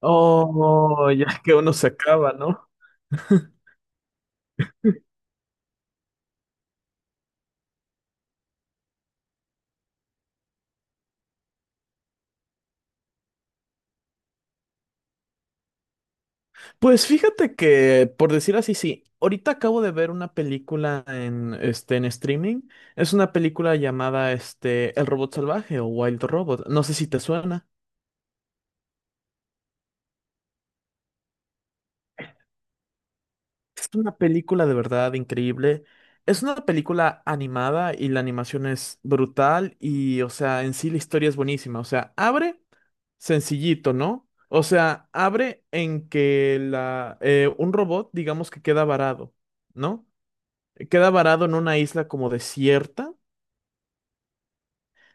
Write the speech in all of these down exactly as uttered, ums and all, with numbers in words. Oh, ya que uno se acaba, ¿no? Pues fíjate que, por decir así, sí. Ahorita acabo de ver una película en, este, en streaming. Es una película llamada este, El Robot Salvaje o Wild Robot. No sé si te suena. Es una película de verdad increíble. Es una película animada y la animación es brutal y, o sea, en sí la historia es buenísima. O sea, abre sencillito, ¿no? O sea, abre en que la, eh, un robot, digamos que queda varado, ¿no? Queda varado en una isla como desierta.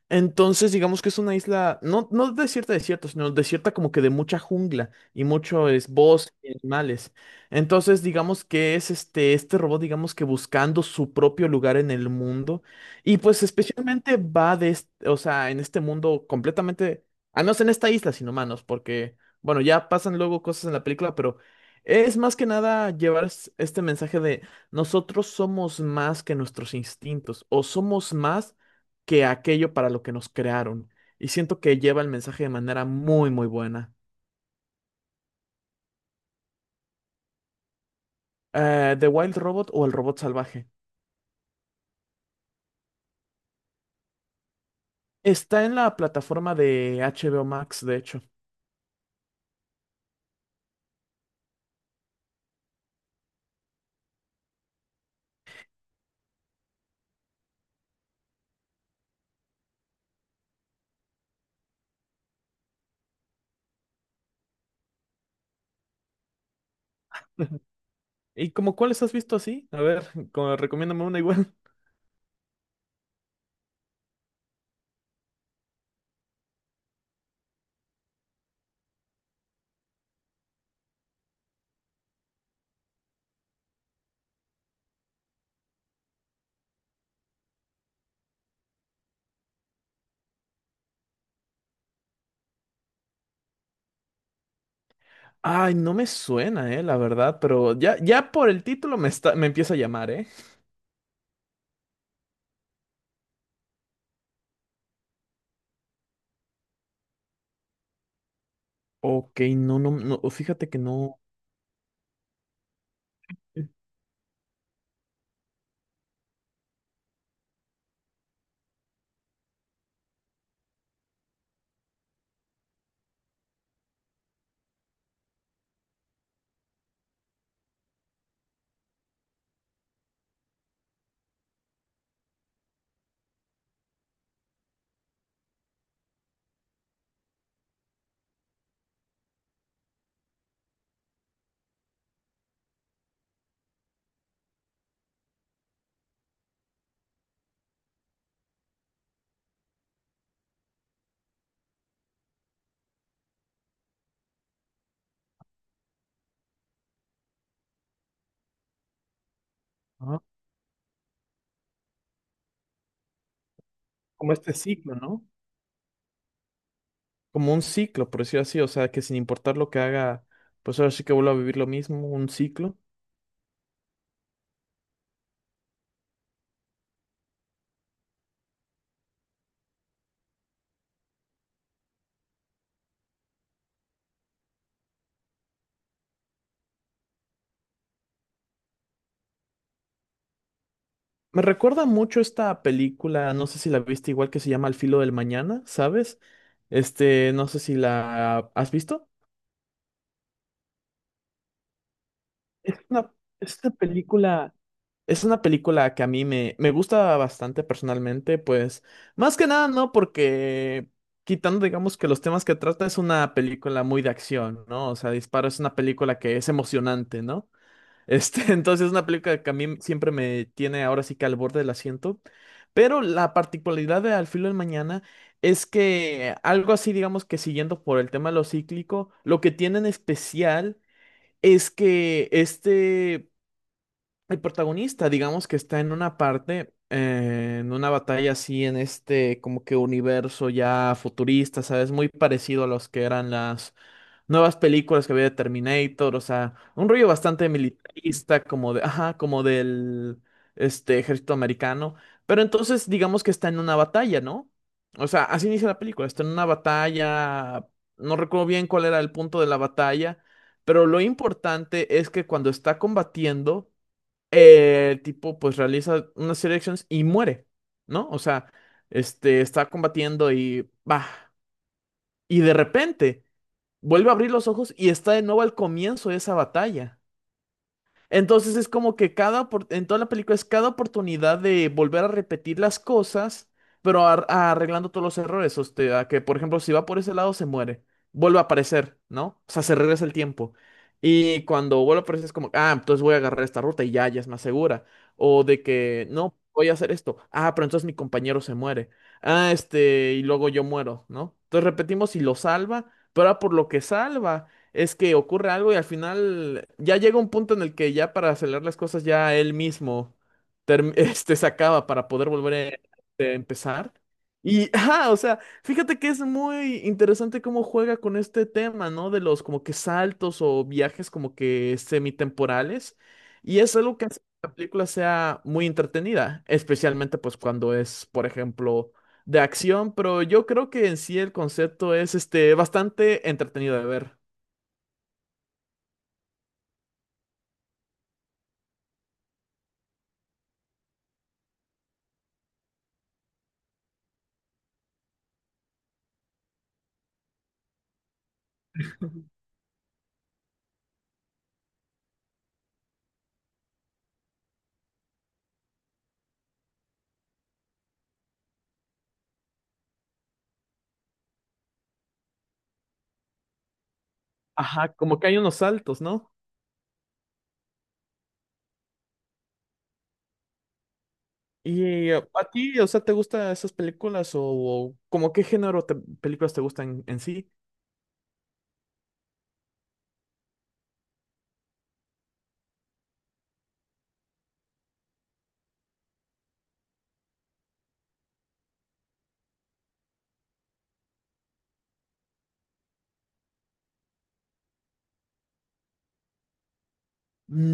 Entonces, digamos que es una isla, no, no desierta, desierta, sino desierta como que de mucha jungla y mucho es bosque y animales. Entonces, digamos que es este, este robot, digamos que buscando su propio lugar en el mundo. Y pues especialmente va de, este, o sea, en este mundo completamente, al menos en esta isla sin humanos, porque, bueno, ya pasan luego cosas en la película, pero es más que nada llevar es- este mensaje de nosotros somos más que nuestros instintos o somos más que aquello para lo que nos crearon. Y siento que lleva el mensaje de manera muy, muy buena. Eh, The Wild Robot o El Robot Salvaje. Está en la plataforma de H B O Max, de hecho. ¿Y como cuáles has visto así? A ver, como, recomiéndame una igual. Ay, no me suena, eh, la verdad, pero ya, ya por el título me está, me empieza a llamar, ¿eh? Ok, no, no, no, fíjate que no. Ah, como este ciclo, ¿no? Como un ciclo, por decirlo así, o sea, que sin importar lo que haga, pues ahora sí que vuelvo a vivir lo mismo, un ciclo. Me recuerda mucho esta película, no sé si la viste igual que se llama Al filo del mañana, ¿sabes? Este, no sé si la has visto. Es una, es una película, es una película que a mí me, me gusta bastante personalmente, pues más que nada, ¿no? Porque quitando, digamos, que los temas que trata es una película muy de acción, ¿no? O sea, Disparo es una película que es emocionante, ¿no? Este, entonces es una película que a mí siempre me tiene ahora sí que al borde del asiento. Pero la particularidad de Al filo del mañana es que algo así, digamos que siguiendo por el tema de lo cíclico, lo que tiene en especial es que este, el protagonista, digamos que está en una parte, eh, en una batalla así, en este como que universo ya futurista, ¿sabes? Muy parecido a los que eran las nuevas películas que había de Terminator, o sea, un rollo bastante militarista, como de, ajá, como del este ejército americano. Pero entonces digamos que está en una batalla, ¿no? O sea, así inicia la película, está en una batalla, no recuerdo bien cuál era el punto de la batalla, pero lo importante es que cuando está combatiendo, eh, el tipo pues realiza unas serie de acciones y muere, ¿no? O sea, este está combatiendo y va. Y de repente vuelve a abrir los ojos y está de nuevo al comienzo de esa batalla. Entonces es como que cada, opor- en toda la película es cada oportunidad de volver a repetir las cosas, pero ar- arreglando todos los errores. O sea, que por ejemplo, si va por ese lado, se muere. Vuelve a aparecer, ¿no? O sea, se regresa el tiempo. Y cuando vuelve a aparecer es como, ah, entonces voy a agarrar esta ruta y ya, ya es más segura. O de que, no, voy a hacer esto. Ah, pero entonces mi compañero se muere. Ah, este, y luego yo muero, ¿no? Entonces repetimos y lo salva, pero ahora por lo que salva es que ocurre algo y al final ya llega un punto en el que ya para acelerar las cosas ya él mismo term- este, se acaba para poder volver a este, empezar. Y, ah, o sea, fíjate que es muy interesante cómo juega con este tema, ¿no? De los como que saltos o viajes como que semitemporales. Y es algo que hace que la película sea muy entretenida, especialmente pues cuando es, por ejemplo, de acción, pero yo creo que en sí el concepto es este bastante entretenido de ver. Ajá, como que hay unos saltos, ¿no? Y eh, a ti, o sea, ¿te gustan esas películas o, o como qué género de películas te gustan en sí?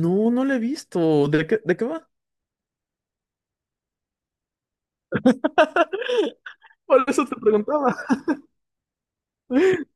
No, no la he visto. ¿De qué, de qué va? Por eso te preguntaba.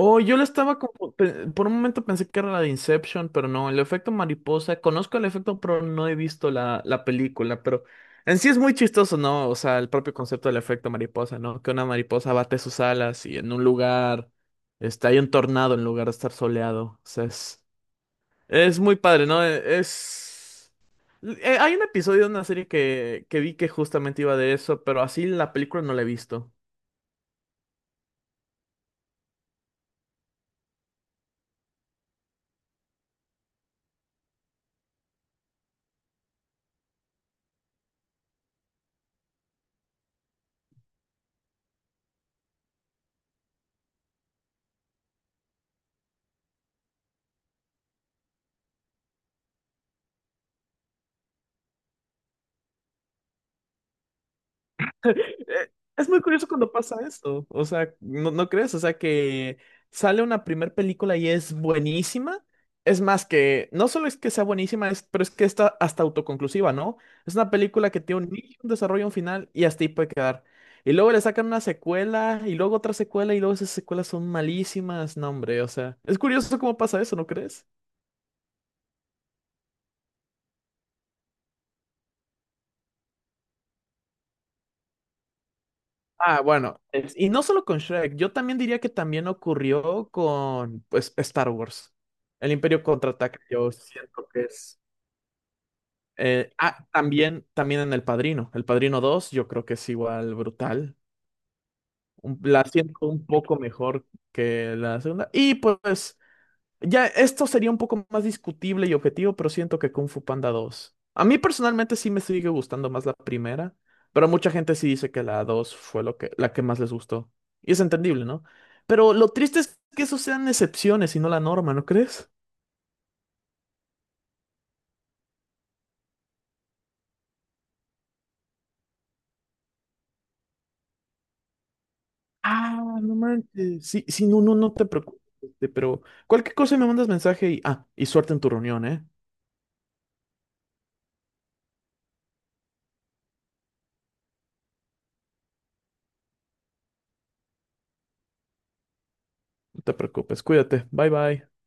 Oh, yo la estaba como, pe- por un momento pensé que era la de Inception, pero no, el efecto mariposa, conozco el efecto, pero no he visto la, la película, pero en sí es muy chistoso, ¿no? O sea, el propio concepto del efecto mariposa, ¿no? Que una mariposa bate sus alas y en un lugar, este, hay un tornado en lugar de estar soleado, o sea, es, es muy padre, ¿no? E- Es... eh, hay un episodio de una serie que, que vi que justamente iba de eso, pero así la película no la he visto. eh, es muy curioso cuando pasa esto. O sea, ¿no, no crees? O sea, que sale una primer película y es buenísima. Es más que, no solo es que sea buenísima, es, pero es que está hasta autoconclusiva, ¿no? Es una película que tiene un inicio, un desarrollo, un final y hasta ahí puede quedar. Y luego le sacan una secuela y luego otra secuela y luego esas secuelas son malísimas. No, hombre, o sea, es curioso cómo pasa eso, ¿no crees? Ah, bueno, es- y no solo con Shrek, yo también diría que también ocurrió con pues, Star Wars. El Imperio Contraataca, yo siento que es... eh, ah, también, también en El Padrino. El Padrino dos. Yo creo que es igual brutal. Un- la siento un poco mejor que la segunda. Y pues ya, esto sería un poco más discutible y objetivo, pero siento que Kung Fu Panda dos. A mí personalmente sí me sigue gustando más la primera, pero mucha gente sí dice que la dos fue lo que, la que más les gustó. Y es entendible, ¿no? Pero lo triste es que eso sean excepciones y no la norma, ¿no crees? Ah, no manches. Sí, sí, no, no, no te preocupes. este, Pero cualquier cosa me mandas mensaje y, ah, y suerte en tu reunión, ¿eh? No te preocupes, cuídate. Bye, bye.